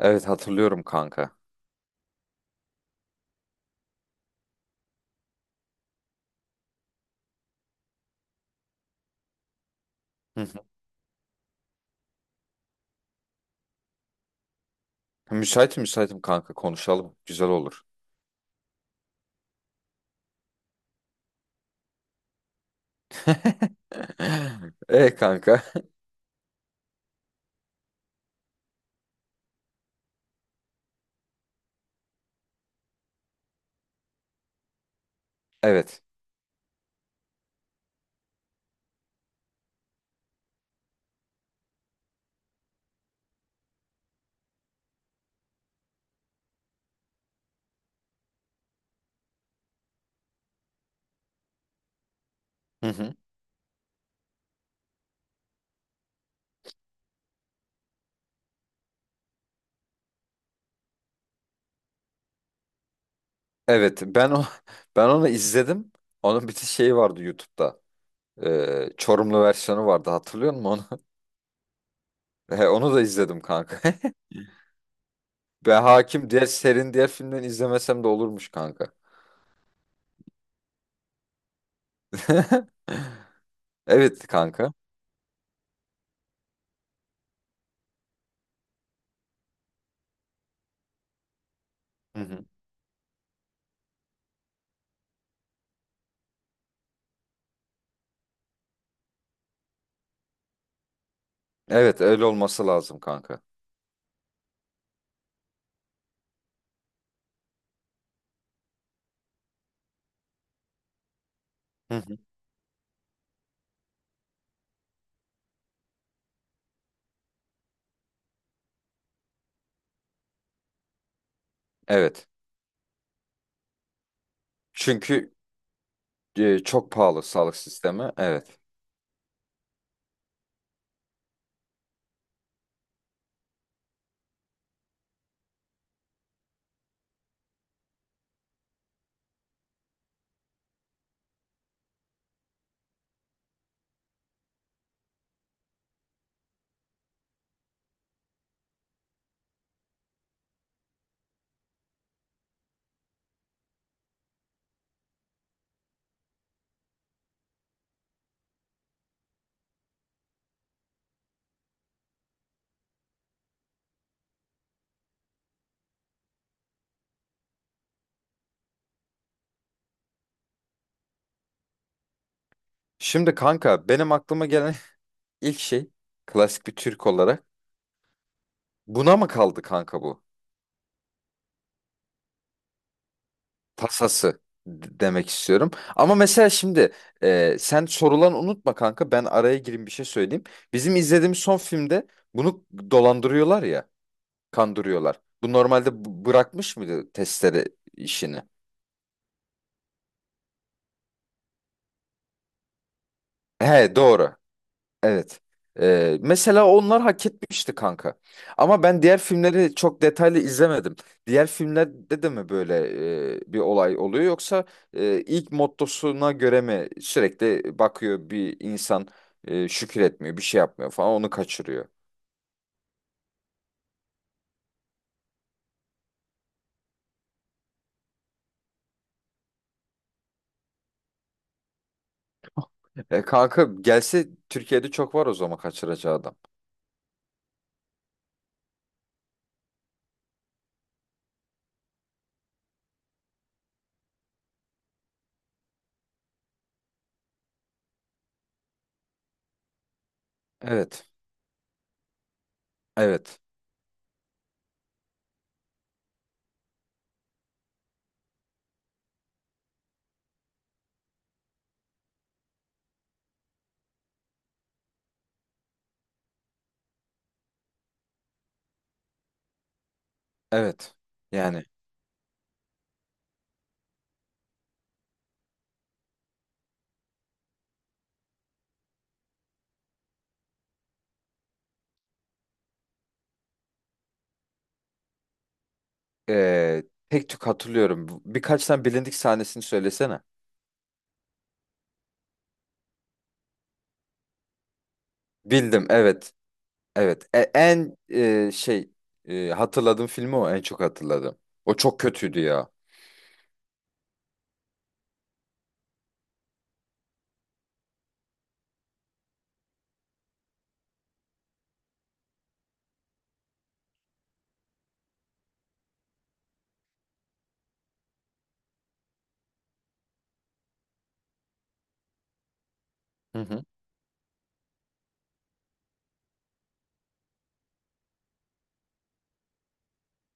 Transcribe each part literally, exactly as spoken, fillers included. Evet, hatırlıyorum kanka. Hı hı. Müsaitim, müsaitim kanka, konuşalım. Güzel olur. E kanka. Evet. Hı hı. Evet, ben o ben onu izledim. Onun bir şey vardı YouTube'da. Ee, Çorumlu versiyonu vardı, hatırlıyor musun onu? E, onu da izledim kanka. Ben hakim, diğer serinin diğer filmden izlemesem de olurmuş kanka. Evet kanka. Hı hı. Evet, öyle olması lazım kanka. Hı hı. Evet. Çünkü Ee, çok pahalı sağlık sistemi. Evet. Şimdi kanka benim aklıma gelen ilk şey, klasik bir Türk olarak, buna mı kaldı kanka bu? Tasası d- demek istiyorum. Ama mesela şimdi, e, sen sorulan unutma kanka, ben araya gireyim bir şey söyleyeyim. Bizim izlediğimiz son filmde bunu dolandırıyorlar ya, kandırıyorlar. Bu normalde b- bırakmış mıydı testleri, işini? He, doğru. Evet. Ee, mesela onlar hak etmişti kanka. Ama ben diğer filmleri çok detaylı izlemedim. Diğer filmlerde de mi böyle e, bir olay oluyor, yoksa e, ilk mottosuna göre mi sürekli bakıyor bir insan e, şükür etmiyor, bir şey yapmıyor falan, onu kaçırıyor. E, kanka gelse Türkiye'de çok var o zaman kaçıracağı adam. Evet. Evet. Evet. Yani e, tek tük hatırlıyorum. Birkaç tane bilindik sahnesini söylesene. Bildim, evet. Evet, e- en e, şey e, hatırladığım filmi o, en çok hatırladım. O çok kötüydü ya. Hı hı,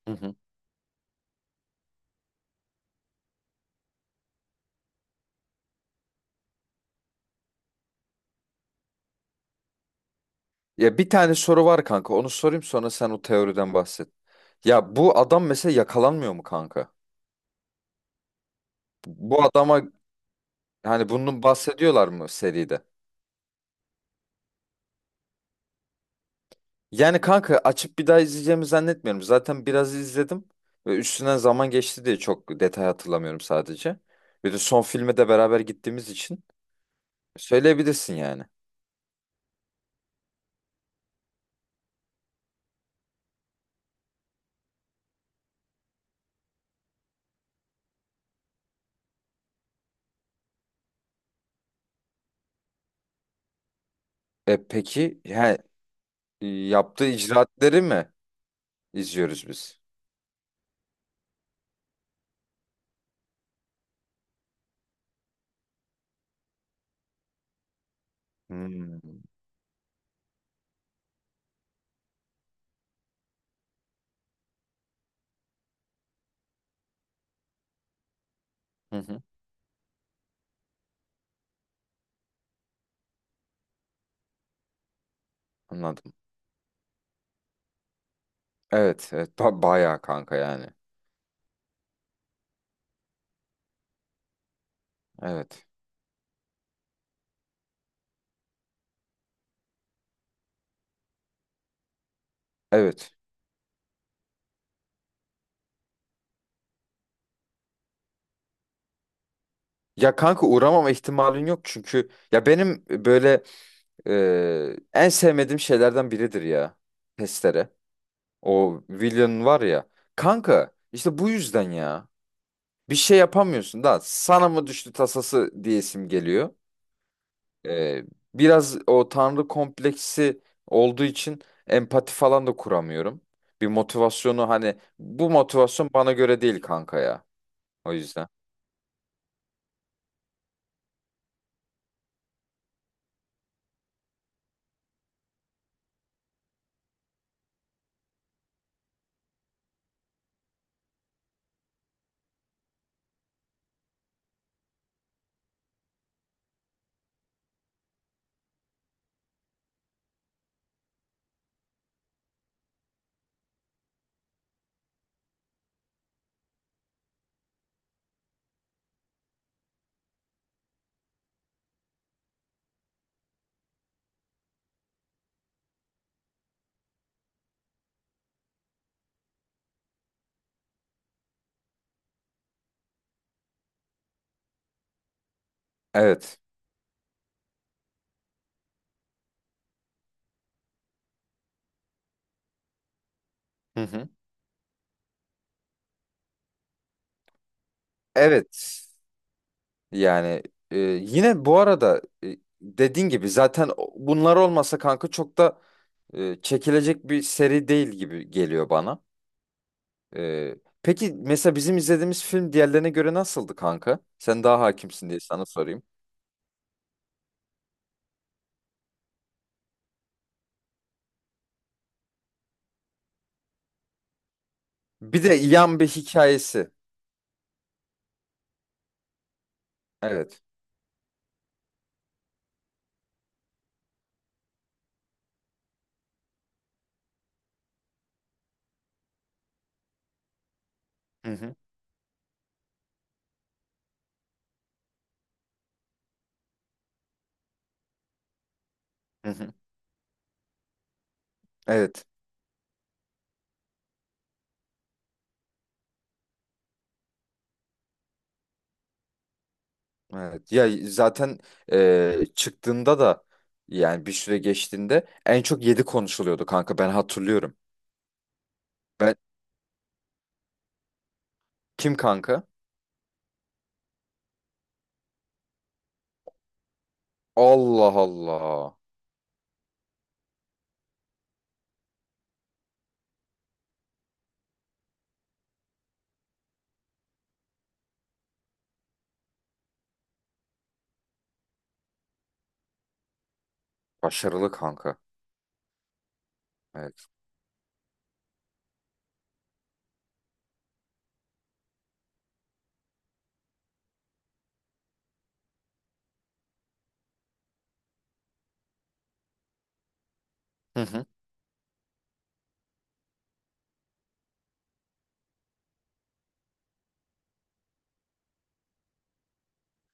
hı hı. Ya bir tane soru var kanka. Onu sorayım, sonra sen o teoriden bahset. Ya bu adam mesela yakalanmıyor mu kanka? Bu adama. Hani bunun bahsediyorlar mı seride? Yani kanka, açıp bir daha izleyeceğimi zannetmiyorum. Zaten biraz izledim ve üstünden zaman geçti diye çok detay hatırlamıyorum sadece. Bir de son filme de beraber gittiğimiz için söyleyebilirsin yani. E peki, yani yaptığı icraatleri mi izliyoruz biz? Hmm. Hı hı, anladım. Evet, evet, ba- bayağı kanka yani. Evet. Evet. Ya kanka, uğramama ihtimalin yok çünkü ya benim böyle Ee, en sevmediğim şeylerden biridir ya. Testere. O Willian var ya. Kanka işte bu yüzden ya. Bir şey yapamıyorsun da sana mı düştü tasası diyesim geliyor. Ee, biraz o tanrı kompleksi olduğu için empati falan da kuramıyorum. Bir motivasyonu, hani bu motivasyon bana göre değil kanka ya. O yüzden. Evet. Hı hı. Evet. Yani e, yine bu arada, e, dediğin gibi zaten o- bunlar olmasa kanka çok da e, çekilecek bir seri değil gibi geliyor bana. E peki, mesela bizim izlediğimiz film diğerlerine göre nasıldı kanka? Sen daha hakimsin diye sana sorayım. Bir de yan bir hikayesi. Evet. Hı hı. Hı hı. Evet. Evet. Ya zaten e, çıktığında da yani bir süre geçtiğinde en çok yedi konuşuluyordu kanka, ben hatırlıyorum. Ben kim kanka? Allah Allah. Başarılı kanka. Evet. Hı hı.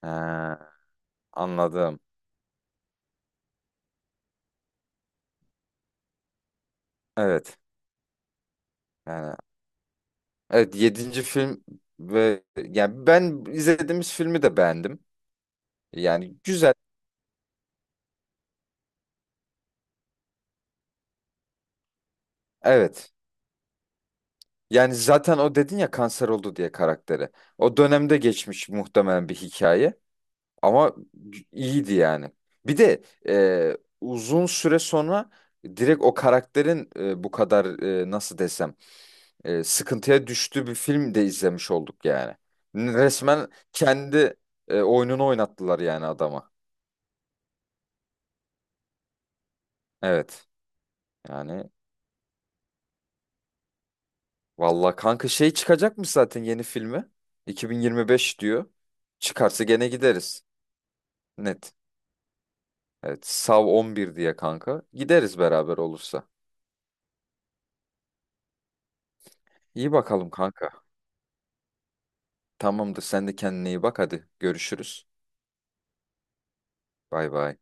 Ee, anladım. Evet. Yani, evet, yedinci film ve yani ben izlediğimiz filmi de beğendim. Yani güzel. Evet. Yani zaten o dedin ya kanser oldu diye karakteri. O dönemde geçmiş muhtemelen bir hikaye. Ama iyiydi yani. Bir de e, uzun süre sonra direkt o karakterin e, bu kadar, e, nasıl desem, e, sıkıntıya düştüğü bir film de izlemiş olduk yani. Resmen kendi e, oyununu oynattılar yani adama. Evet. Yani valla kanka, şey çıkacakmış zaten yeni filmi. iki bin yirmi beş diyor. Çıkarsa gene gideriz. Net. Evet. Sav on bir diye kanka. Gideriz beraber olursa. İyi bakalım kanka. Tamamdır. Sen de kendine iyi bak. Hadi görüşürüz. Bay bay.